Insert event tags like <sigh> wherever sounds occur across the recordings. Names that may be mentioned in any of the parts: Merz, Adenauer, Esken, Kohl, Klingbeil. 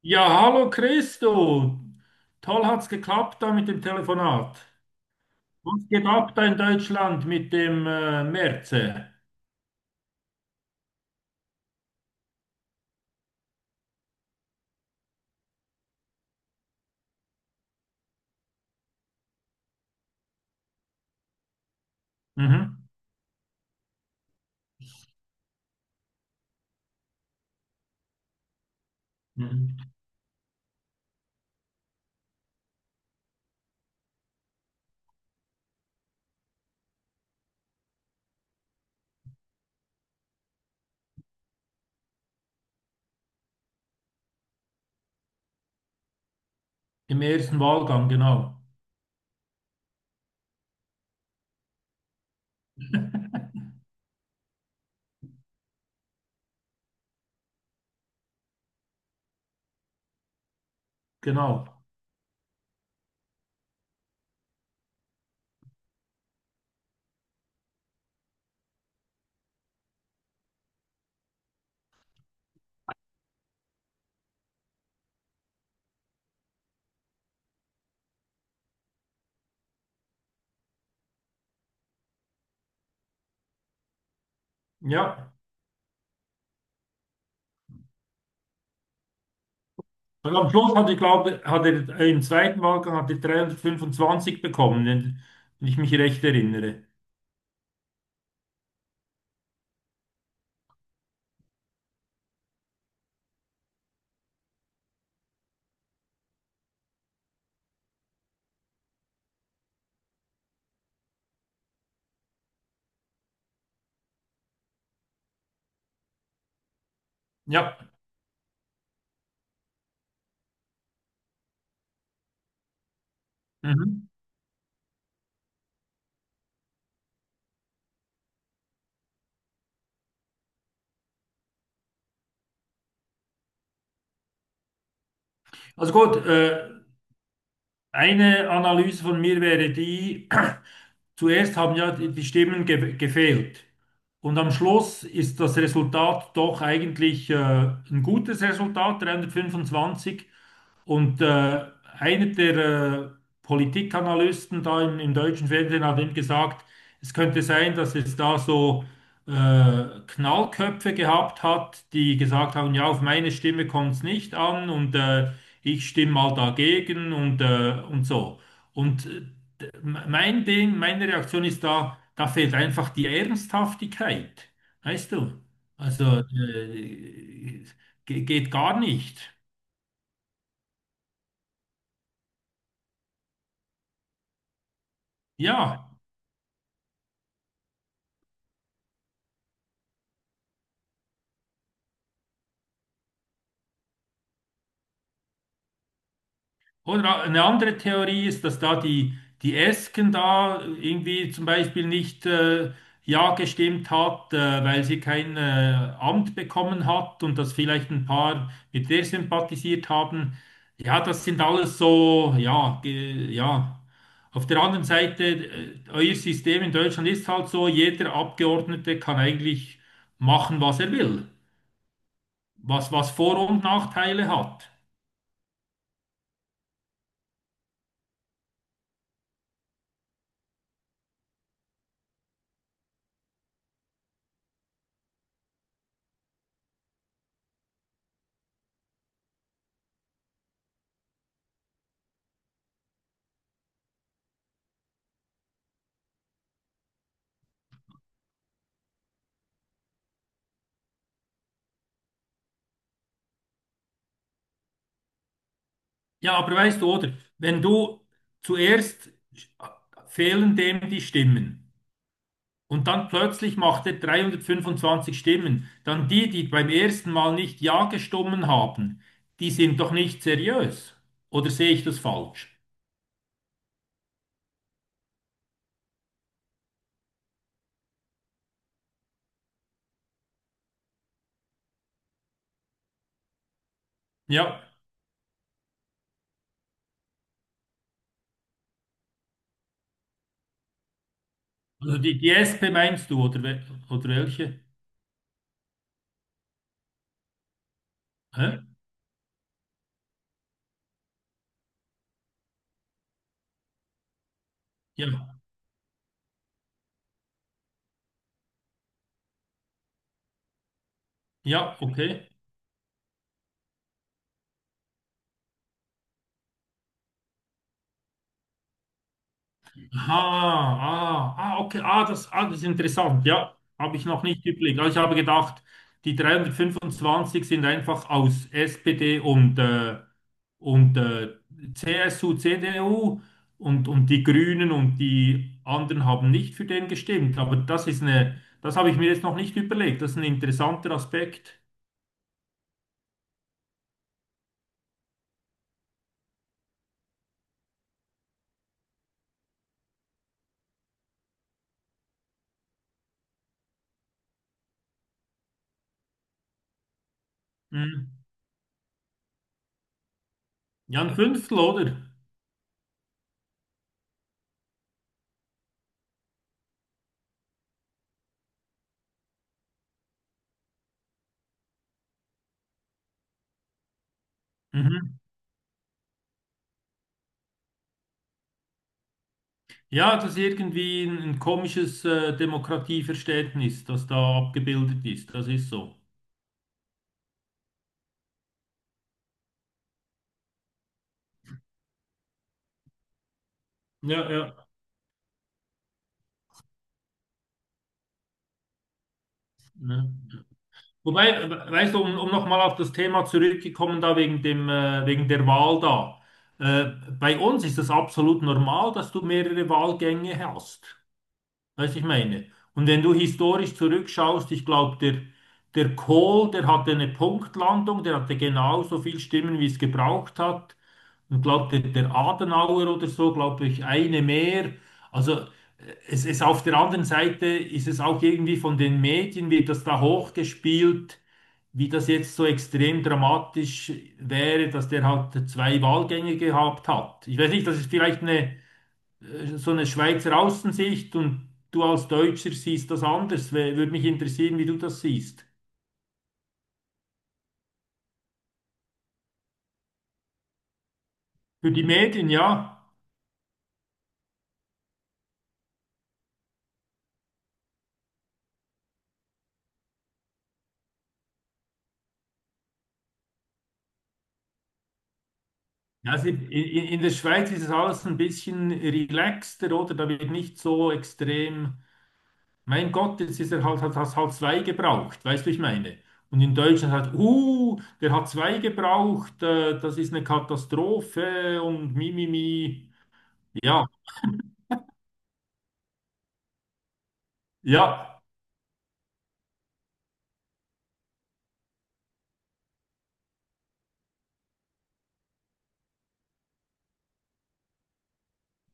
Ja, hallo Christo. Toll hat's geklappt da mit dem Telefonat. Was geht ab da in Deutschland mit dem Merz? Mhm. Mhm. Im ersten Wahlgang, genau. Genau. Ja. Und am Schluss hat er, glaube hat er im zweiten Wahlgang hat er 325 bekommen, wenn ich mich recht erinnere. Ja. Mhm. Also gut, eine Analyse von mir wäre die, <clears throat> zuerst haben ja die Stimmen ge gefehlt. Und am Schluss ist das Resultat doch eigentlich ein gutes Resultat, 325. Und einer der äh, Politikanalysten da im deutschen Fernsehen hat eben gesagt, es könnte sein, dass es da so äh, Knallköpfe gehabt hat, die gesagt haben, ja, auf meine Stimme kommt es nicht an, und ich stimme mal dagegen und und so. Und mein Ding, meine Reaktion ist da, da fehlt einfach die Ernsthaftigkeit. Weißt du? Also äh, äh, geht gar nicht. Ja. Oder eine andere Theorie ist, dass da die Esken da irgendwie zum Beispiel nicht ja gestimmt hat, weil sie kein Amt bekommen hat und dass vielleicht ein paar mit der sympathisiert haben. Ja, das sind alles so, ja. Auf der anderen Seite, euer System in Deutschland ist halt so, jeder Abgeordnete kann eigentlich machen, was er will, was, was Vor- und Nachteile hat. Ja, aber weißt du, oder? Wenn du zuerst fehlen dem die Stimmen und dann plötzlich macht er 325 Stimmen, dann die, die beim ersten Mal nicht ja gestimmt haben, die sind doch nicht seriös. Oder sehe ich das falsch? Ja, also die SP meinst du, oder, oder welche? Hä? Ja, ja, okay. Aha, okay, das ist interessant, ja, habe ich noch nicht überlegt. Also ich habe gedacht, die 325 sind einfach aus SPD und CSU, CDU und die Grünen und die anderen haben nicht für den gestimmt. Aber das ist eine, das habe ich mir jetzt noch nicht überlegt. Das ist ein interessanter Aspekt. Mhm. Ja, ein Fünftel, oder? Mhm. Ja, das ist irgendwie ein komisches Demokratieverständnis, das da abgebildet ist. Das ist so. Ja, ja. Ne? Wobei, weißt du, um nochmal auf das Thema zurückgekommen, da wegen wegen der Wahl da. Äh, Bei uns ist das absolut normal, dass du mehrere Wahlgänge hast. Weißt du, ich meine? Und wenn du historisch zurückschaust, ich glaube, der Kohl, der hatte eine Punktlandung, der hatte genauso viel Stimmen, wie es gebraucht hat. Und glaube, der Adenauer oder so, glaube ich, eine mehr. Also es ist auf der anderen Seite, ist es auch irgendwie von den Medien, wird das da hochgespielt, wie das jetzt so extrem dramatisch wäre, dass der halt zwei Wahlgänge gehabt hat. Ich weiß nicht, das ist vielleicht eine so eine Schweizer Außensicht und du als Deutscher siehst das anders. Würde mich interessieren, wie du das siehst. Für die Medien, ja. Also in der Schweiz ist es alles ein bisschen relaxter, oder? Da wird nicht so extrem, mein Gott, jetzt ist er halt, hat halt zwei gebraucht, weißt du, ich meine. Und in Deutschland halt, der hat zwei gebraucht, das ist eine Katastrophe und mimimi. Ja, ja,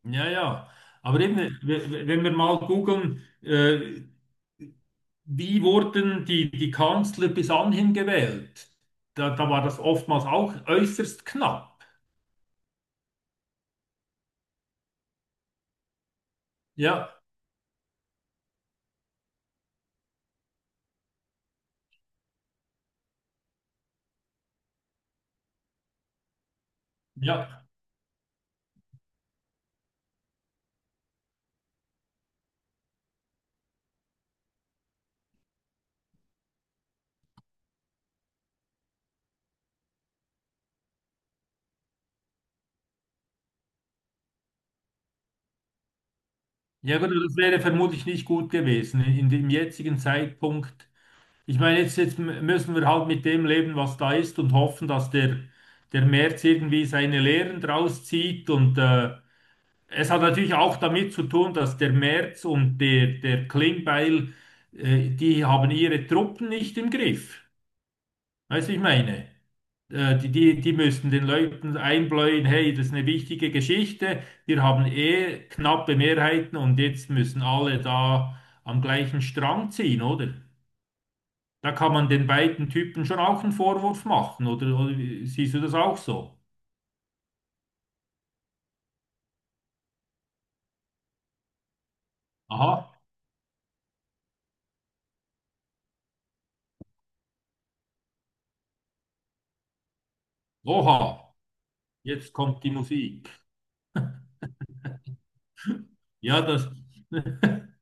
ja, ja. Aber eben, wenn wir mal googeln, wie wurden die Kanzler bis anhin gewählt? Da, da war das oftmals auch äußerst knapp. Ja, ja. Ja, gut, das wäre vermutlich nicht gut gewesen in dem jetzigen Zeitpunkt. Ich meine, jetzt müssen wir halt mit dem leben, was da ist und hoffen, dass der März irgendwie seine Lehren draus zieht. Und es hat natürlich auch damit zu tun, dass der März und der Klingbeil, die haben ihre Truppen nicht im Griff. Weißt du, ich meine? Die, die müssten den Leuten einbläuen, hey, das ist eine wichtige Geschichte, wir haben eh knappe Mehrheiten und jetzt müssen alle da am gleichen Strang ziehen, oder? Da kann man den beiden Typen schon auch einen Vorwurf machen, oder, siehst du das auch so? Aha, oha, jetzt kommt die Musik. Ja, das. <laughs>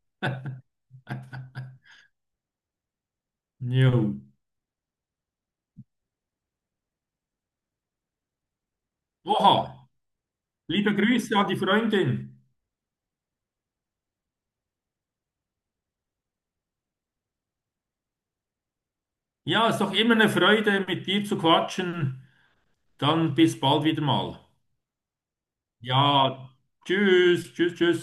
Jo. Oha, liebe Grüße an die Freundin. Ja, ist doch immer eine Freude, mit dir zu quatschen. Dann bis bald wieder mal. Ja, tschüss, tschüss, tschüss.